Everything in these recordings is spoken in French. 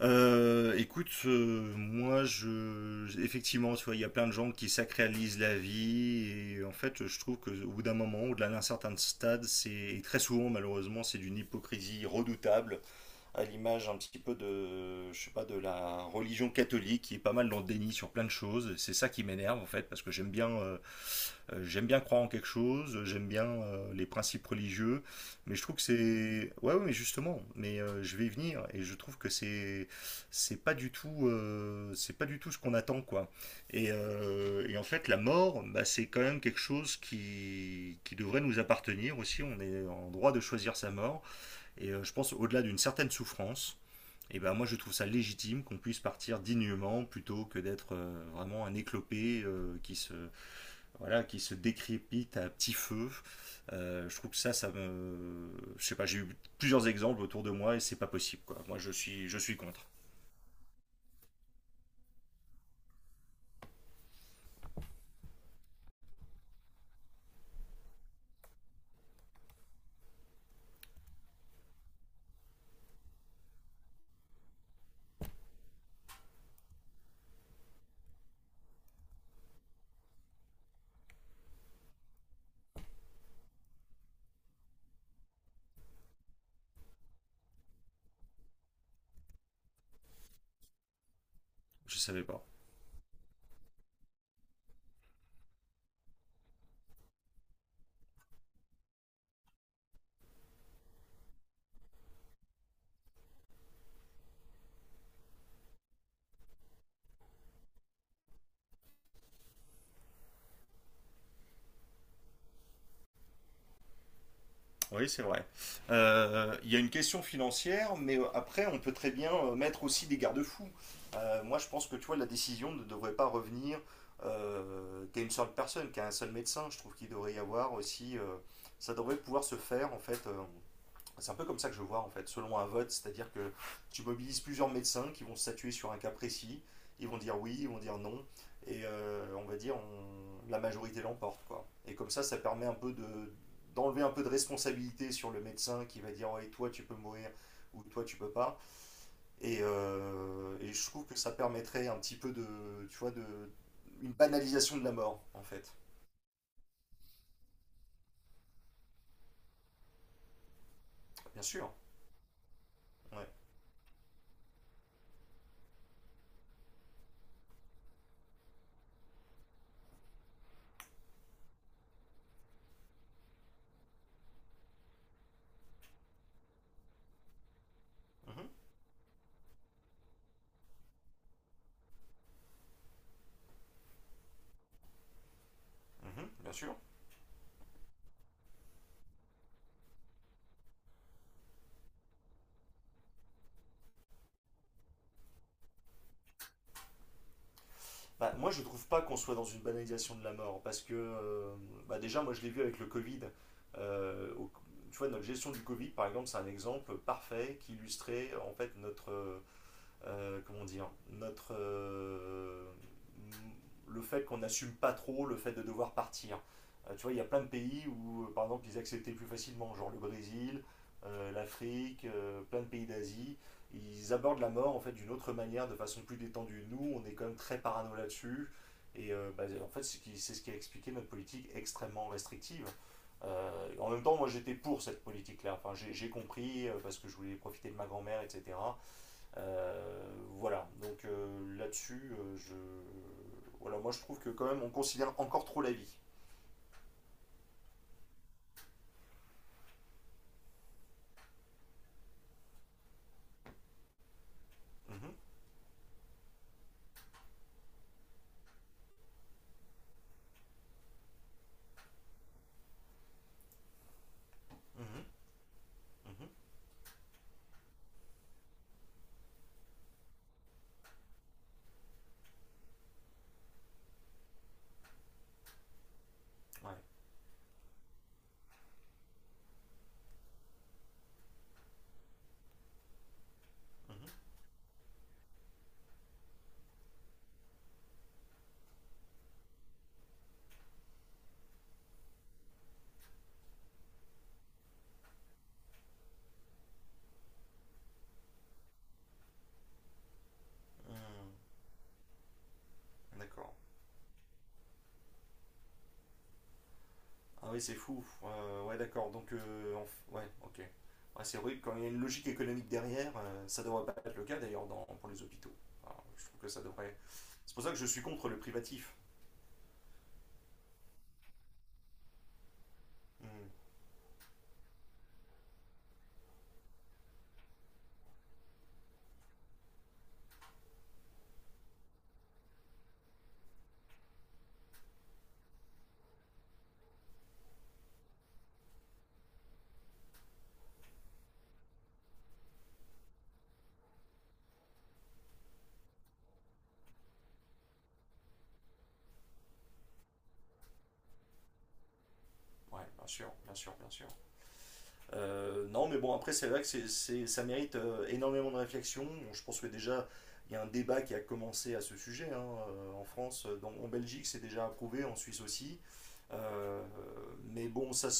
Écoute, moi, je, effectivement, tu vois, il y a plein de gens qui sacralisent la vie et en fait, je trouve que au bout d'un moment, au-delà d'un certain stade, c'est et très souvent, malheureusement, c'est d'une hypocrisie redoutable à l'image un petit peu de, je sais pas, de la religion catholique qui est pas mal dans le déni sur plein de choses. C'est ça qui m'énerve en fait, parce que j'aime bien croire en quelque chose, j'aime bien les principes religieux, mais je trouve que c'est, ouais, ouais, mais justement, mais je vais y venir et je trouve que c'est pas du tout, c'est pas du tout ce qu'on attend quoi. Et en fait, la mort, bah, c'est quand même quelque chose qui devrait nous appartenir aussi. On est en droit de choisir sa mort. Et je pense au-delà d'une certaine souffrance, et ben moi je trouve ça légitime qu'on puisse partir dignement plutôt que d'être vraiment un éclopé qui se voilà qui se décrépite à petit feu. Je trouve que ça me, je sais pas, j'ai eu plusieurs exemples autour de moi et c'est pas possible quoi. Moi je suis contre. Je savais pas. Oui, c'est vrai. Il y a une question financière, mais après, on peut très bien mettre aussi des garde-fous. Moi, je pense que tu vois, la décision ne devrait pas revenir qu'à une seule personne, qu'à un seul médecin. Je trouve qu'il devrait y avoir aussi. Ça devrait pouvoir se faire, en fait, c'est un peu comme ça que je vois en fait, selon un vote, c'est-à-dire que tu mobilises plusieurs médecins qui vont se statuer sur un cas précis, ils vont dire oui, ils vont dire non, et on va dire la majorité l'emporte quoi. Et comme ça permet un peu de d'enlever un peu de responsabilité sur le médecin qui va dire ouais toi tu peux mourir ou toi tu peux pas. Et je trouve que ça permettrait un petit peu de tu vois de une banalisation de la mort en fait. Bien sûr. Ouais. Mhm, mhm, bien sûr. Bah, moi, je trouve pas qu'on soit dans une banalisation de la mort, parce que bah, déjà, moi, je l'ai vu avec le Covid. euh, au- tu vois, notre gestion du Covid, par exemple, c'est un exemple parfait qui illustrait en fait notre, comment dire, notre, le fait qu'on n'assume pas trop le fait de devoir partir. Tu vois, il y a plein de pays où, par exemple, ils acceptaient plus facilement, genre le Brésil, l'Afrique, plein de pays d'Asie. Ils abordent la mort en fait d'une autre manière, de façon plus détendue. Nous, on est quand même très parano là-dessus. Et bah, en fait, c'est ce qui a expliqué notre politique extrêmement restrictive. Euh, en même temps, moi j'étais pour cette politique-là. Enfin, j'ai compris parce que je voulais profiter de ma grand-mère, etc. Euh, voilà, donc là-dessus, je... voilà, moi je trouve que quand même on considère encore trop la vie. Mhm, mhm, mhm. Ouais. Hmm, d'accord. Ah oui, c'est fou. Ouais, d'accord. Donc, ouais, ok. Ouais, c'est vrai que quand il y a une logique économique derrière, ça devrait pas être le cas d'ailleurs pour les hôpitaux. Alors, je trouve que ça devrait. C'est pour ça que je suis contre le privatif. Hmm. Ouais, bien sûr, bien sûr, bien sûr. Non, mais bon, après, c'est vrai que ça mérite énormément de réflexion. Bon, je pense que déjà, il y a un débat qui a commencé à ce sujet hein, en France. Donc, en Belgique, c'est déjà approuvé, en Suisse aussi. Euh, mais bon, ça,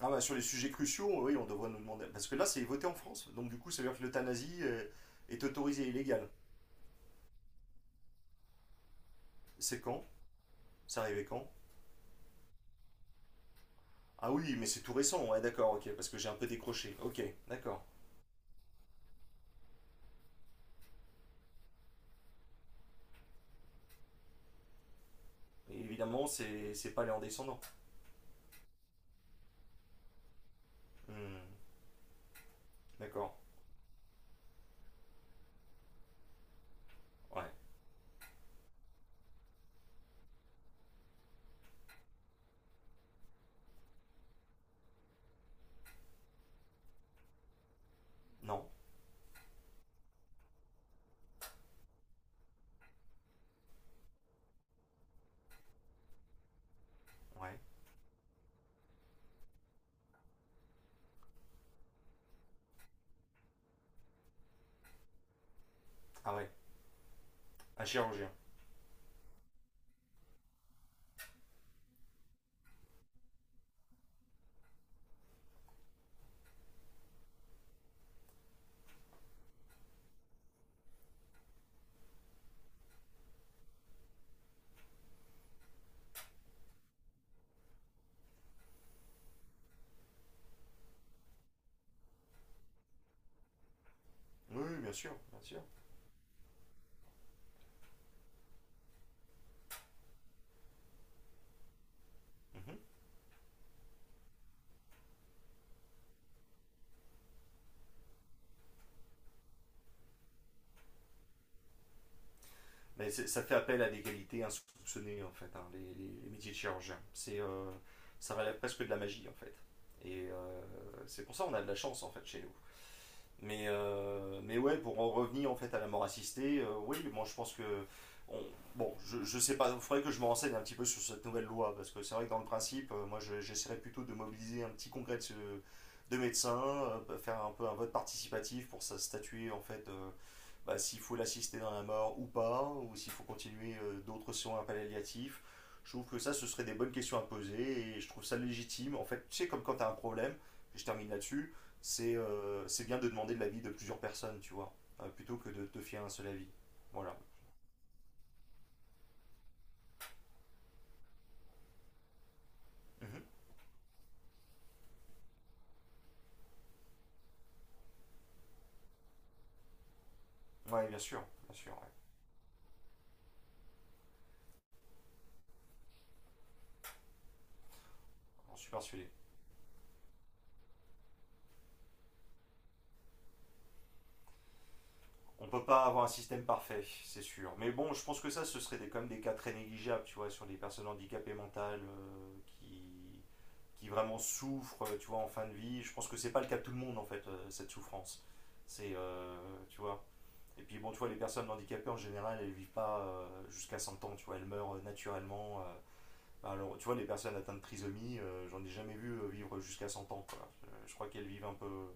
ah, bah, sur les sujets cruciaux, oui, on devrait nous demander. Parce que là, c'est voté en France. Donc, du coup, ça veut dire que l'euthanasie est, est autorisée et illégale. C'est quand C'est arrivé quand? Ah oui, mais c'est tout récent. Ouais, d'accord, ok, parce que j'ai un peu décroché. Ok, d'accord. Et évidemment, c'est pas les en descendant. Hmm, d'accord. Ouais. Non. Ouais. Ah ouais. Un chirurgien. Oui, oui, bien sûr, bien sûr. Mhm. Mais c'est- ça fait appel à des qualités insoupçonnées, en fait, hein, les, les métiers de chirurgien. C'est, ça relève presque de la magie, en fait. Et c'est pour ça qu'on a de la chance, en fait, chez nous. Mais ouais, pour en revenir en fait à la mort assistée, oui, moi je pense que. on- bon, je sais pas, il faudrait que je me renseigne un petit peu sur cette nouvelle loi, parce que c'est vrai que dans le principe, j'essaierais je, plutôt de mobiliser un petit congrès de médecins, faire un peu un vote participatif pour ça statuer en fait bah, s'il faut l'assister dans la mort ou pas, ou s'il faut continuer d'autres soins palliatifs. Je trouve que ça, ce serait des bonnes questions à poser et je trouve ça légitime. En fait, tu sais, comme quand tu as un problème, et je termine là-dessus, c'est bien de demander de l'avis de plusieurs personnes, tu vois, plutôt que de te fier à un seul avis. Voilà. Mm-hmm. Ouais, bien sûr, ouais. J'en suis persuadé. On peut pas avoir un système parfait, c'est sûr. Mais bon, je pense que ça, ce serait des, quand même des cas très négligeables, tu vois, sur les personnes handicapées mentales qui vraiment souffrent, tu vois, en fin de vie. Je pense que c'est pas le cas de tout le monde, en fait, cette souffrance. C'est, tu vois. Et puis, bon, tu vois, les personnes handicapées, en général, elles vivent pas jusqu'à 100 ans, tu vois, elles meurent naturellement. Bah, alors, tu vois, les personnes atteintes de trisomie, j'en ai jamais vu vivre jusqu'à 100 ans, quoi. Je, crois qu'elles vivent un peu...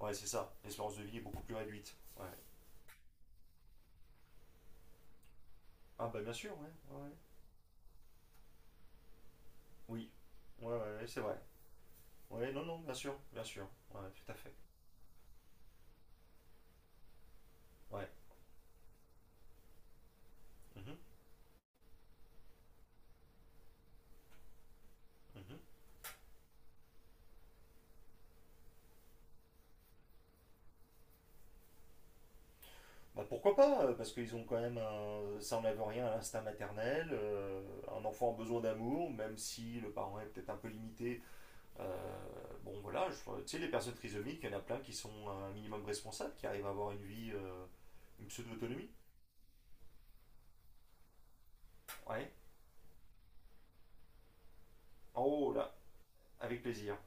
Ouais, c'est ça. L'espérance de vie est beaucoup plus réduite. Ouais. Ah, bah, bien sûr, ouais. Ouais. Oui. Ouais, ouais, ouais, c'est vrai. Ouais, non, non, bien sûr, bien sûr. Ouais, tout à fait. Ouais. Mhm, mhm. Bah, pourquoi pas, parce qu'ils ont quand même un... ça enlève rien à l'instinct maternel, un enfant a besoin d'amour, même si le parent est peut-être un peu limité. Euh, bon voilà, tu sais, les personnes trisomiques, il y en a plein qui sont un minimum responsables, qui arrivent à avoir une vie, une pseudo-autonomie. Ouais. En haut, là, avec plaisir.